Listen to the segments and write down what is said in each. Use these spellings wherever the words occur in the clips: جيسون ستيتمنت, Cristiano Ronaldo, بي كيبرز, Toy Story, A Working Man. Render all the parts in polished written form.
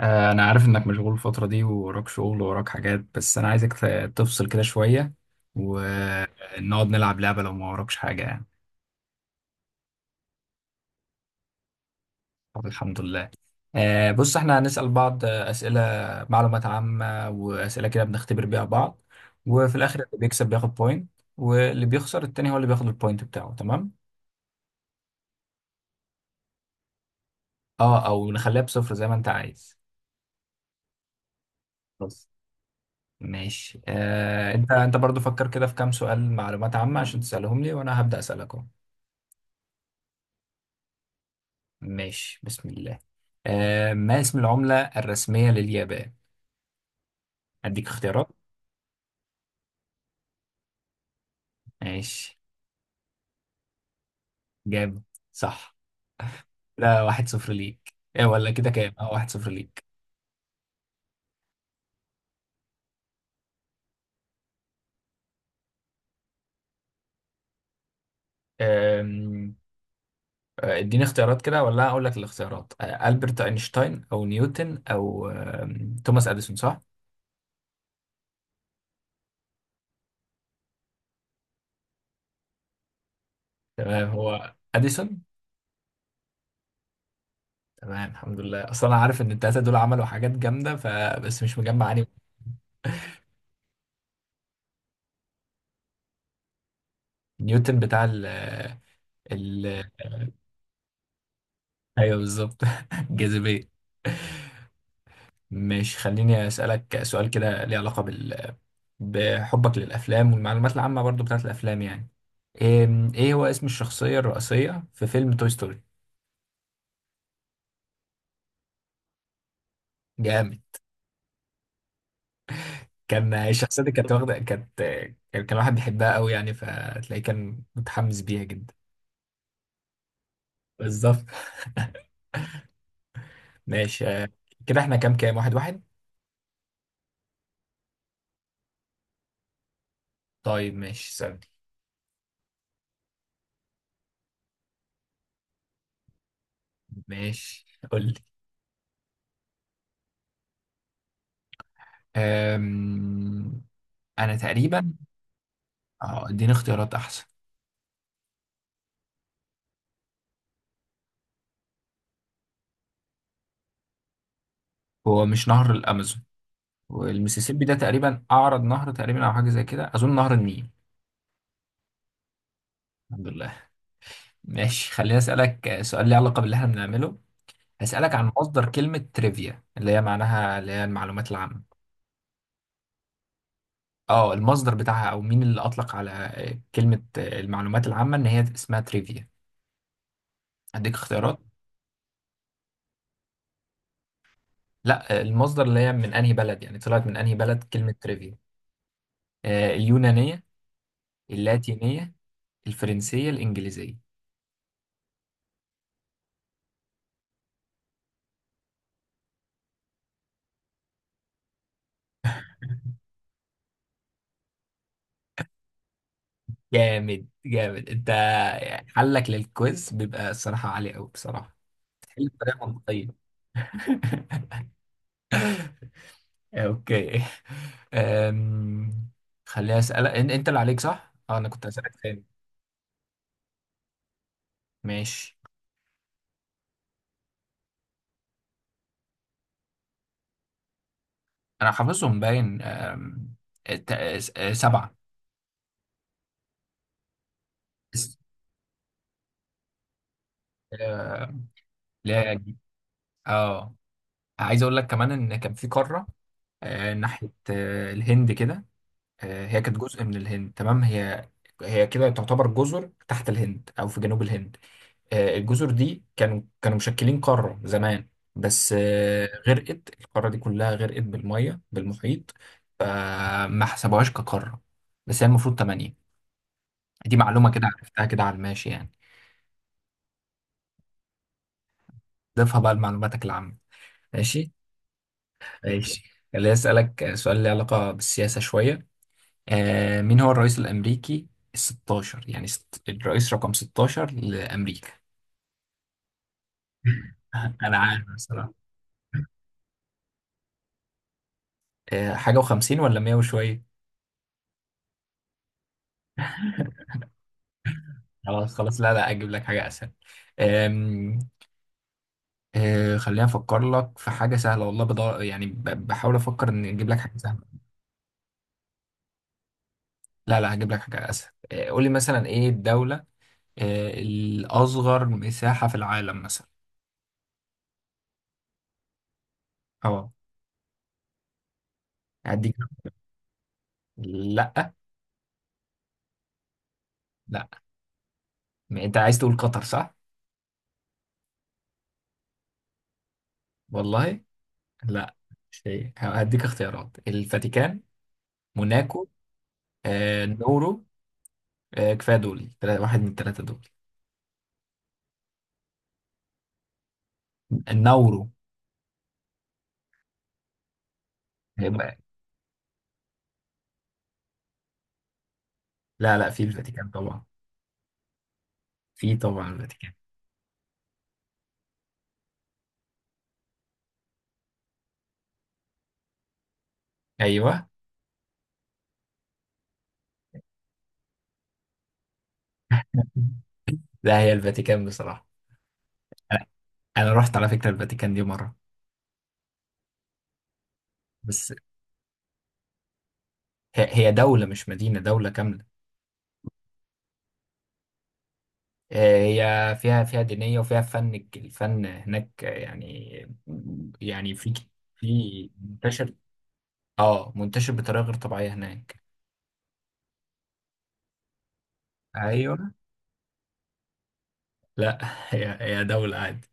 أنا عارف إنك مشغول الفترة دي، ووراك شغل ووراك حاجات، بس أنا عايزك تفصل كده شوية ونقعد نلعب لعبة لو ما وراكش حاجة يعني. طب الحمد لله. بص، إحنا هنسأل بعض أسئلة معلومات عامة وأسئلة كده بنختبر بيها بعض، وفي الآخر اللي بيكسب بياخد بوينت، واللي بيخسر التاني هو اللي بياخد البوينت بتاعه، تمام؟ أو نخليها بصفر زي ما أنت عايز. بس ماشي. أنت برضو فكر كده في كام سؤال معلومات عامة عشان تسألهم لي، وأنا هبدأ أسألك. ماشي، بسم الله. ما اسم العملة الرسمية لليابان؟ أديك اختيارات. ماشي. جامد، صح. لا، واحد صفر ليك. إيه ولا كده؟ كام؟ اه واحد صفر ليك. آم، آه، اديني اختيارات كده، ولا أقول لك الاختيارات؟ ألبرت أينشتاين، أو نيوتن، أو توماس أديسون، صح؟ تمام، هو أديسون. تمام، الحمد لله، أصلا أنا عارف إن التلاتة دول عملوا حاجات جامدة، فبس مش مجمع يعني. نيوتن بتاع ال ايوه، بالظبط. الجاذبية. مش، خليني اسألك سؤال كده ليه علاقة بحبك للأفلام والمعلومات العامة برضو بتاعت الأفلام يعني. إيه... ايه هو اسم الشخصية الرئيسية في فيلم توي ستوري؟ جامد. كان الشخصية دي كانت واخدة. كان واحد بيحبها قوي يعني، فتلاقيه كان متحمس بيها جدا. بالظبط. ماشي، كده احنا كام كام؟ واحد واحد. طيب ماشي، ثاني. ماشي، قول لي. أم... انا تقريبا. اه اديني اختيارات احسن. هو مش نهر الامازون؟ والميسيسيبي ده تقريبا اعرض نهر تقريبا، او حاجه زي كده. اظن نهر النيل. الحمد لله. ماشي، خليني اسالك سؤال ليه علاقه باللي احنا بنعمله. هسالك عن مصدر كلمه تريفيا، اللي هي معناها اللي هي المعلومات العامه. اه المصدر بتاعها، او مين اللي اطلق على كلمه المعلومات العامه ان هي اسمها تريفيا. اديك اختيارات. لا، المصدر اللي هي من انهي بلد يعني، طلعت من انهي بلد كلمه تريفيا. اليونانيه، اللاتينيه، الفرنسيه، الانجليزيه. جامد جامد انت، يعني حلك للكويز بيبقى الصراحة عالي قوي بصراحة. بتحل بطريقة منطقية. اوكي. أم... خليني اسألك. انت اللي عليك، صح؟ اه، انا كنت هسألك تاني. ماشي. انا حافظهم باين. الت- س- سبعة. بس، أه، لا، اه عايز اقول لك كمان ان كان في قارة ناحية الهند كده. هي كانت جزء من الهند، تمام. هي كده تعتبر جزر تحت الهند او في جنوب الهند. الجزر دي كانوا مشكلين قارة زمان، بس غرقت القارة دي كلها، غرقت بالمية بالمحيط، فما حسبوهاش كقارة. بس هي المفروض تمانية. دي معلومة كده عرفتها كده على الماشي يعني. ضيفها بقى لمعلوماتك العامة. ماشي. ماشي، اللي أسألك سؤال ليه علاقة بالسياسة شوية. مين هو الرئيس الأمريكي الستاشر، يعني الرئيس رقم 16 لأمريكا؟ انا عارف بصراحه. حاجه وخمسين ولا مية وشويه. خلاص، خلاص، لا، لا، اجيب لك حاجه اسهل. آم، آه، خليني افكر لك في حاجه سهله والله، بدور يعني، بحاول افكر ان اجيب لك حاجه سهله. لا، لا، هجيب لك حاجه اسهل. قول لي مثلا، ايه الدوله الاصغر مساحه في العالم، مثلا؟ اه، هديك. لا، لا، ما انت عايز تقول قطر؟ صح، والله. لا، مش هي. هديك اختيارات: الفاتيكان، موناكو، نورو. كفايه دول، واحد من الثلاثه دول. النورو. هيبقى، لا، لا، في الفاتيكان طبعا. في، طبعا، الفاتيكان. ايوه، لا، هي الفاتيكان بصراحه. انا أنا رحت على فكره الفاتيكان دي مره. بس، هي دوله مش مدينه، دوله كامله. هي فيها دينيه وفيها فن، الفن هناك، يعني في منتشر، اه منتشر بطريقه غير طبيعيه هناك. ايوه، لا، هي دوله عادي.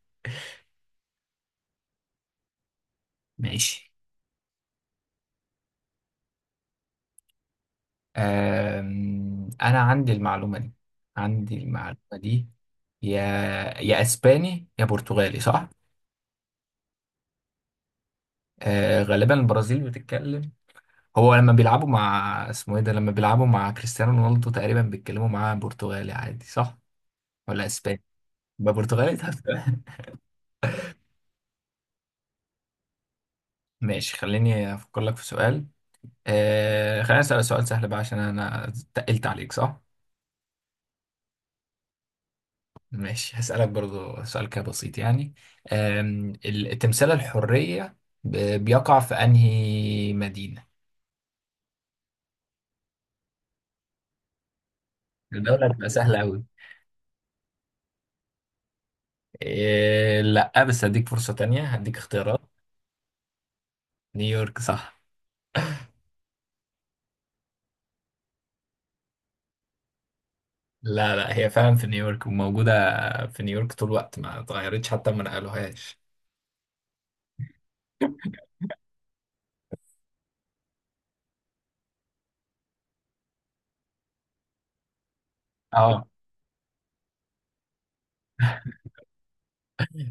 ماشي. انا عندي المعلومه دي. يا اسباني يا برتغالي، صح؟ غالبا البرازيل بتتكلم. هو لما بيلعبوا مع اسمه ايه ده، لما بيلعبوا مع كريستيانو رونالدو، تقريبا بيتكلموا معاه برتغالي عادي، صح ولا اسباني؟ يبقى برتغالي. طب تمام. ماشي، خليني افكر لك في سؤال. خليني اسالك سؤال سهل بقى، عشان انا تقلت عليك، صح؟ ماشي، هسألك برضو سؤال كده بسيط يعني. تمثال الحرية ب- بيقع في أنهي مدينة؟ الدولة هتبقى سهلة أوي. إيه، لأ، بس هديك فرصة تانية، هديك اختيارات. نيويورك، صح. لا، لا، هي فعلا في نيويورك وموجودة في نيويورك طول الوقت، ما اتغيرتش حتى، ما نقلوهاش. اه.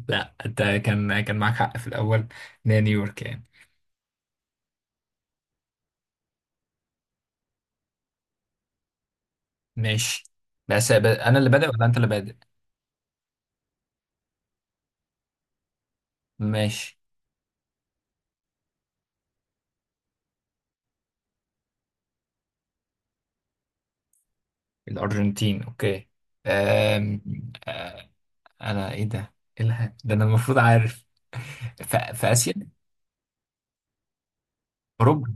لا، انت كان معاك حق في الأول، إن هي نيويورك يعني. ماشي. بس أنا اللي بادئ ولا أنت اللي بادئ؟ ماشي. الأرجنتين، أوكي. أم... أه، أنا، إيه ده؟ إيه الها؟ ده أنا المفروض عارف. في آسيا؟ أوروبا.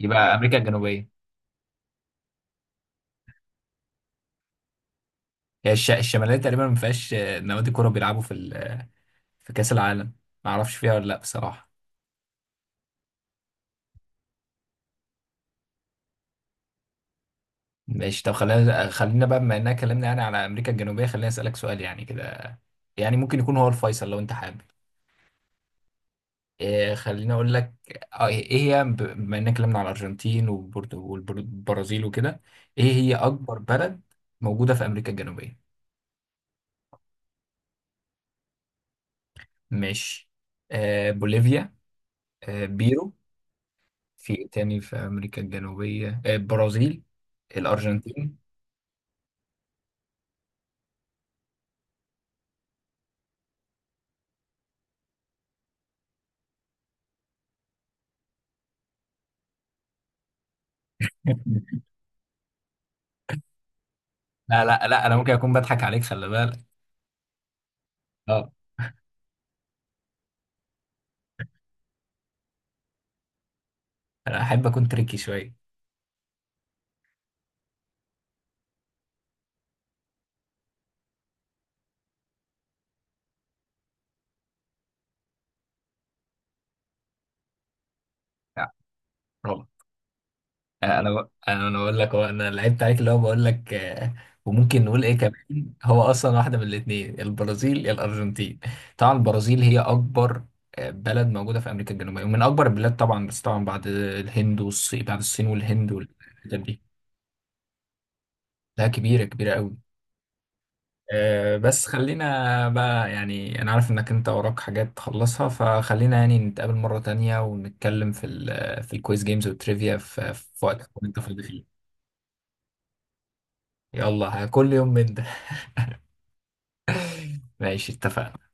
يبقى أمريكا الجنوبية. هي الشمالية تقريبا ما فيهاش نوادي كورة بيلعبوا في ال... آه، في كأس العالم، ما أعرفش فيها ولا لأ بصراحة. ماشي، طب خلينا بقى، بما إننا اتكلمنا يعني على أمريكا الجنوبية، خليني أسألك سؤال يعني كده، يعني ممكن يكون هو الفيصل لو أنت حابب. إيه، خليني اقول لك. ايه هي، بما اننا اتكلمنا على الارجنتين والبرازيل وكده، ايه هي اكبر بلد موجوده في امريكا الجنوبيه؟ ماشي. بوليفيا، بيرو، في إيه تاني في امريكا الجنوبيه، البرازيل، الارجنتين. لا، لا، لا، انا ممكن اكون بضحك عليك، خلي بالك. اه انا احب اكون تريكي شويه. لا، انا ب... انا أنا بقول لك، هو انا لعبت عليك اللي هو بقول لك. وممكن نقول ايه كمان، هو اصلا واحده من الاثنين، البرازيل يا الارجنتين. طبعا البرازيل هي اكبر بلد موجوده في امريكا الجنوبيه، ومن اكبر البلاد طبعا، بس طبعا بعد الهند والصين، بعد الصين والهند والحتت دي. لا، كبيره كبيره قوي. بس خلينا بقى يعني، انا عارف انك وراك حاجات تخلصها، فخلينا يعني نتقابل مره تانية ونتكلم في الكويز جيمز والتريفيا في وقت تكون انت فاضي فيه. يلا كل يوم من ده. ماشي، اتفقنا.